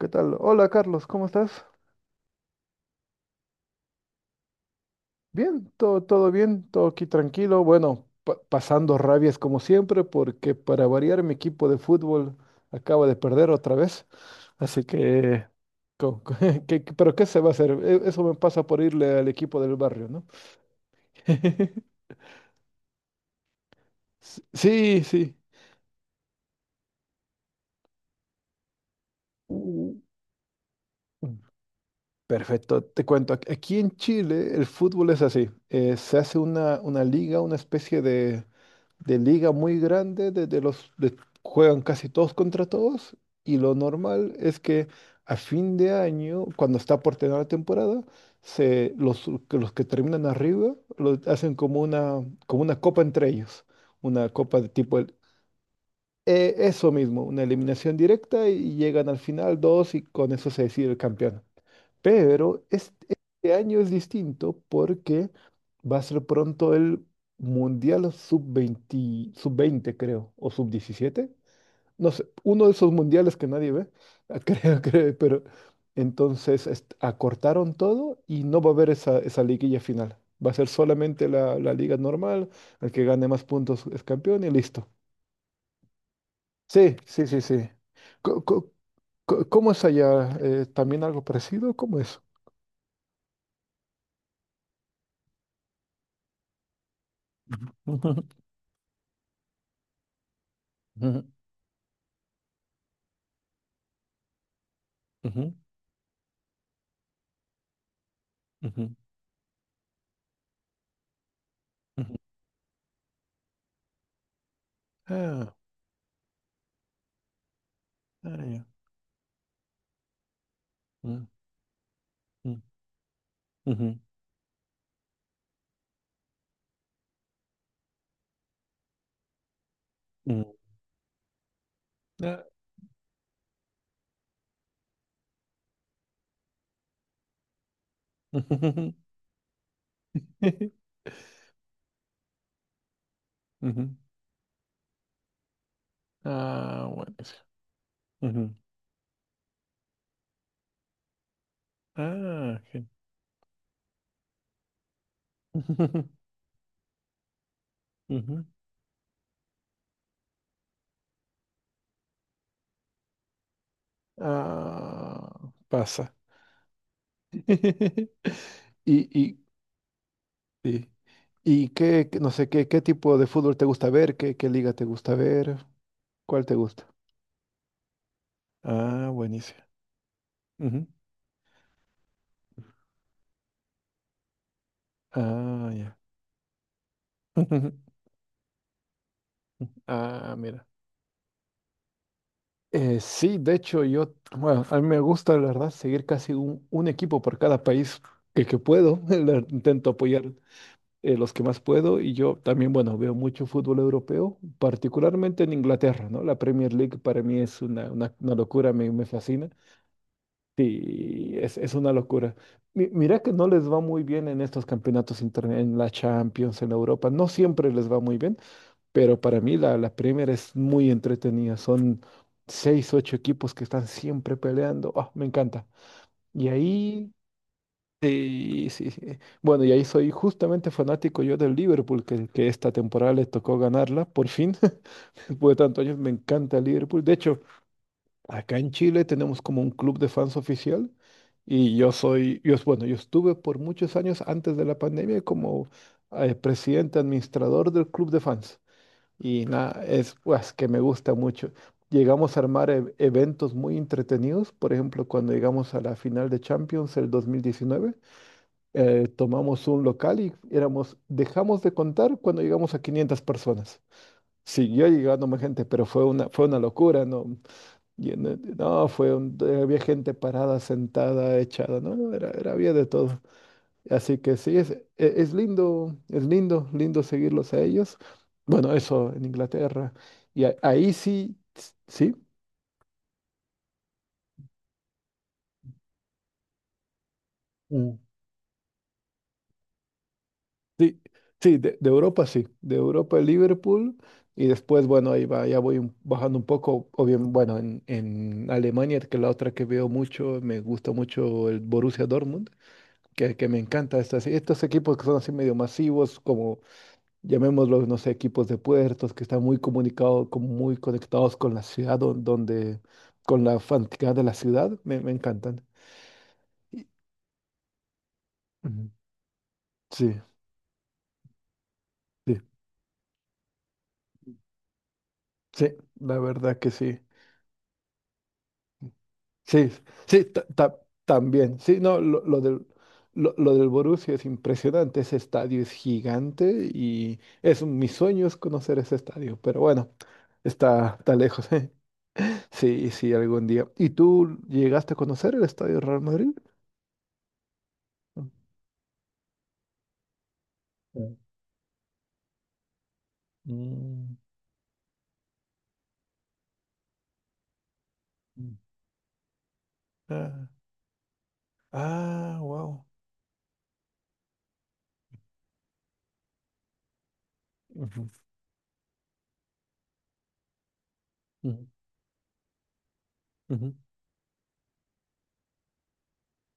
¿Qué tal? Hola Carlos, ¿cómo estás? Bien, todo bien, todo aquí tranquilo. Bueno, pasando rabias como siempre, porque para variar mi equipo de fútbol acaba de perder otra vez. Así que, co- co- pero ¿qué se va a hacer? Eso me pasa por irle al equipo del barrio, ¿no? Sí, sí. Uh. Perfecto, te cuento, aquí en Chile el fútbol es así, se hace una liga, una especie de liga muy grande, de, juegan casi todos contra todos y lo normal es que a fin de año, cuando está por terminar la temporada, se, los que terminan arriba lo hacen como una copa entre ellos, una copa de eso mismo, una eliminación directa y llegan al final dos y con eso se decide el campeón. Pero este año es distinto porque va a ser pronto el Mundial sub-20 sub-20 creo, o sub-17. No sé, uno de esos mundiales que nadie ve, pero entonces acortaron todo y no va a haber esa, esa liguilla final. Va a ser solamente la, la liga normal, el que gane más puntos es campeón y listo. Sí, sí, sí, sí. Co- co- ¿Cómo es allá? ¿También algo parecido? ¿Cómo es? Ujú, ujú, ujú. Ah, ah, ya. Mm, mm, ujú, mm. Ah, ujú, ujú. ujú. Ah, buenísimo. Ujú. Ah, Ujú. Ah, pasa. Y, y, y, y qué, no sé, qué, qué tipo de fútbol te gusta ver, qué, qué liga te gusta ver, cuál te gusta. Ah, buenísimo. Ujú. Ah, ya. Ah, mira. Sí, de hecho, yo, bueno, a mí me gusta, la verdad, seguir casi un equipo por cada país que puedo. Intento apoyar, los que más puedo, y yo también, bueno, veo mucho fútbol europeo, particularmente en Inglaterra, ¿no? La Premier League para mí es una locura, me fascina. Sí, es una locura. Mira que no les va muy bien en estos campeonatos internet, en la Champions, en Europa, no siempre les va muy bien, pero para mí la, la Premier es muy entretenida. Son seis, ocho equipos que están siempre peleando. Ah, me encanta. Y ahí, sí, sí, sí. Bueno, y ahí soy justamente fanático yo del Liverpool, que esta temporada le tocó ganarla, por fin. Después de tantos años me encanta el Liverpool. De hecho, acá en Chile tenemos como un club de fans oficial. Y yo soy, yo, bueno, yo estuve por muchos años antes de la pandemia como, presidente administrador del club de fans. Y nada, es pues, que me gusta mucho. Llegamos a armar eventos muy entretenidos. Por ejemplo, cuando llegamos a la final de Champions el 2019, tomamos un local y éramos, dejamos de contar cuando llegamos a 500 personas. Siguió llegando más gente, pero fue una locura, ¿no? No, había gente parada, sentada, echada, ¿no? Era, era, había de todo. Así que sí, es, es lindo, lindo seguirlos a ellos. Bueno, eso en Inglaterra. Y ahí sí, sí. Mm. Sí, sí, de Europa sí, de Europa Liverpool. Y después, bueno, ahí va, ya voy bajando un poco, o bien, bueno, en Alemania, que la otra que veo mucho, me gusta mucho el Borussia Dortmund, que me encanta estos, estos equipos que son así medio masivos, como llamémoslos, no sé, equipos de puertos que están muy comunicados, como muy conectados con la ciudad, donde, con la fanaticada de la ciudad, me encantan. Y- Ujú. Sí, sí, sí, la verdad que sí. Sí, sí, también. Sí, no, lo del Borussia es impresionante, ese estadio es gigante y es mi sueño es conocer ese estadio, pero bueno, está, está lejos. Sí, sí, algún día. ¿Y tú llegaste a conocer el estadio Real Madrid? Mm. Mm, mm. Ah, ah, wow. Ujú, ujú, ujú,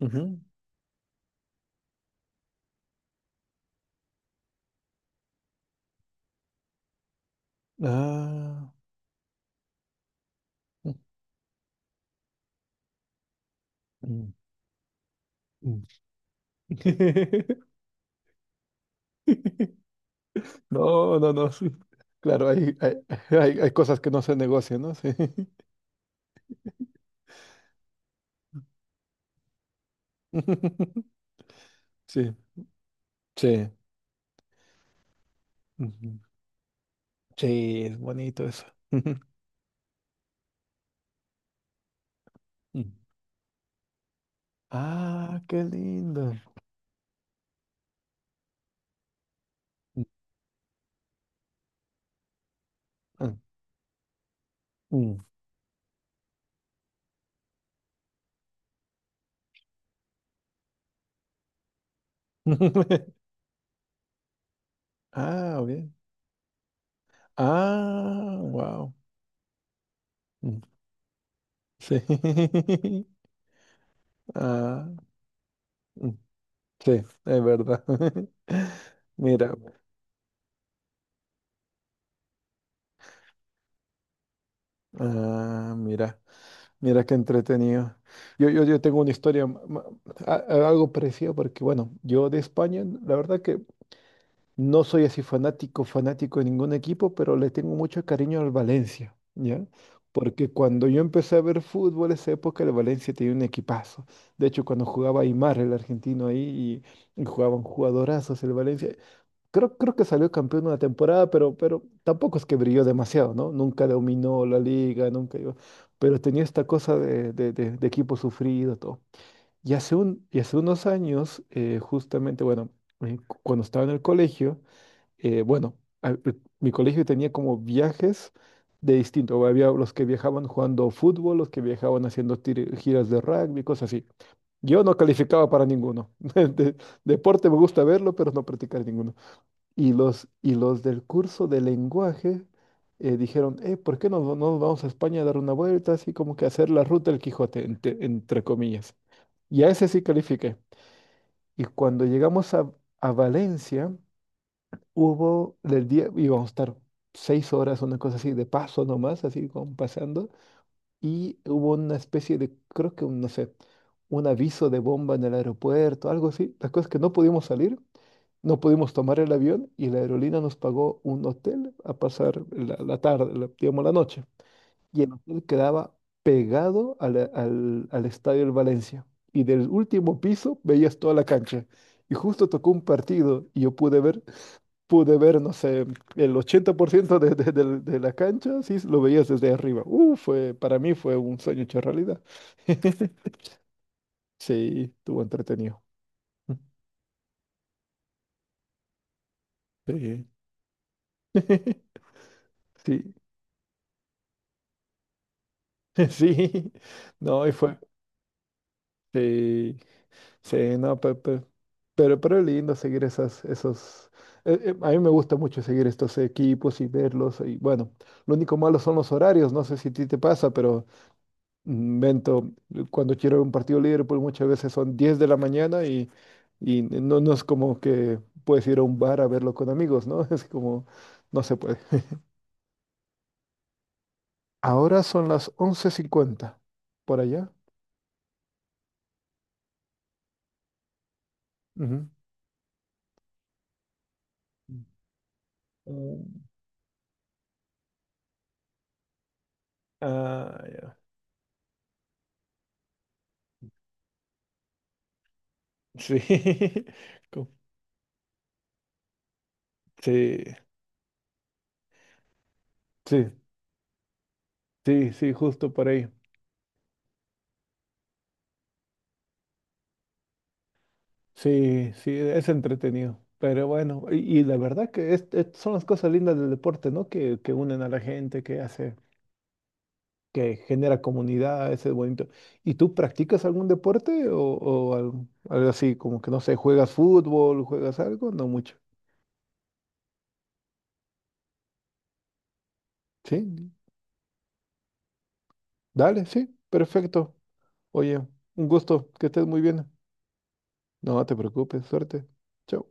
ujú. Ah, mm, mm, mm. No, no, no. Sí. Claro, hay cosas que no se negocian, ¿no? Sí. Sí, sí. Ujú. Sí, es bonito eso. Ujú, mm. Ah, qué lindo. Mm, ah, mm. Ah, bien. Ah, wow. Sí. Ah, mm, sí, es verdad. Mira, ah, mira, mira qué entretenido. Yo tengo una historia, algo parecido, porque bueno, yo de España, la verdad que no soy así fanático, fanático de ningún equipo, pero le tengo mucho cariño al Valencia, ¿ya? Porque cuando yo empecé a ver fútbol, esa época el Valencia tenía un equipazo. De hecho, cuando jugaba Aymar, el argentino ahí, y jugaban jugadorazos el Valencia. Creo que salió campeón una temporada, pero tampoco es que brilló demasiado, ¿no? Nunca dominó la liga, nunca iba. Pero tenía esta cosa de, de equipo sufrido, todo. Y hace unos años, justamente, bueno, cuando estaba en el colegio, bueno, a- eh, mi colegio tenía como viajes de distinto. Había los que viajaban jugando fútbol, los que viajaban haciendo giras de rugby, cosas así. Yo no calificaba para ninguno. Deporte me gusta verlo, pero no practicar ninguno. Y los del curso de lenguaje, dijeron, ¿por qué no, no nos vamos a España a dar una vuelta? Así como que hacer la ruta del Quijote, entre comillas. Y a ese sí califiqué. Y cuando llegamos a Valencia, hubo del día, íbamos a estar 6 horas, una cosa así, de paso nomás, así como pasando y hubo una especie de, creo que, un, no sé, un aviso de bomba en el aeropuerto, algo así. La cosa es que no pudimos salir, no pudimos tomar el avión y la aerolínea nos pagó un hotel a pasar la, la tarde, digamos la noche. Y el hotel quedaba pegado a al estadio del Valencia. Y del último piso veías toda la cancha. Y justo tocó un partido y yo pude ver, no sé, el 80% de, de la cancha, sí, lo veías desde arriba. Fue, para mí fue un sueño hecho realidad. Sí, estuvo entretenido. Sí. Sí, sí, no, y fue, sí, sí, no, pero, es lindo seguir esas, esos, a mí me gusta mucho seguir estos equipos y verlos, y bueno, lo único malo son los horarios, no sé si a ti te pasa, pero mm, Vento, cuando quiero ver un partido de Liverpool muchas veces son 10 de la mañana y no, no es como que puedes ir a un bar a verlo con amigos, ¿no? Es como, no se puede. Ahora son las 11:50 por allá. Ujú. Mm. Ah, ya. Sí. Co- Sí. Sí, sí, sí, justo por ahí. Sí, sí, es entretenido. Pero bueno, y la verdad que son las cosas lindas del deporte, ¿no? Que unen a la gente, que hace, que genera comunidad, ese es bonito. ¿Y tú practicas algún deporte o algo, algo así, como que no sé, juegas fútbol, juegas algo? No mucho. Sí, dale, sí, perfecto. Oye, un gusto, que estés muy bien. No te preocupes, suerte. Chao.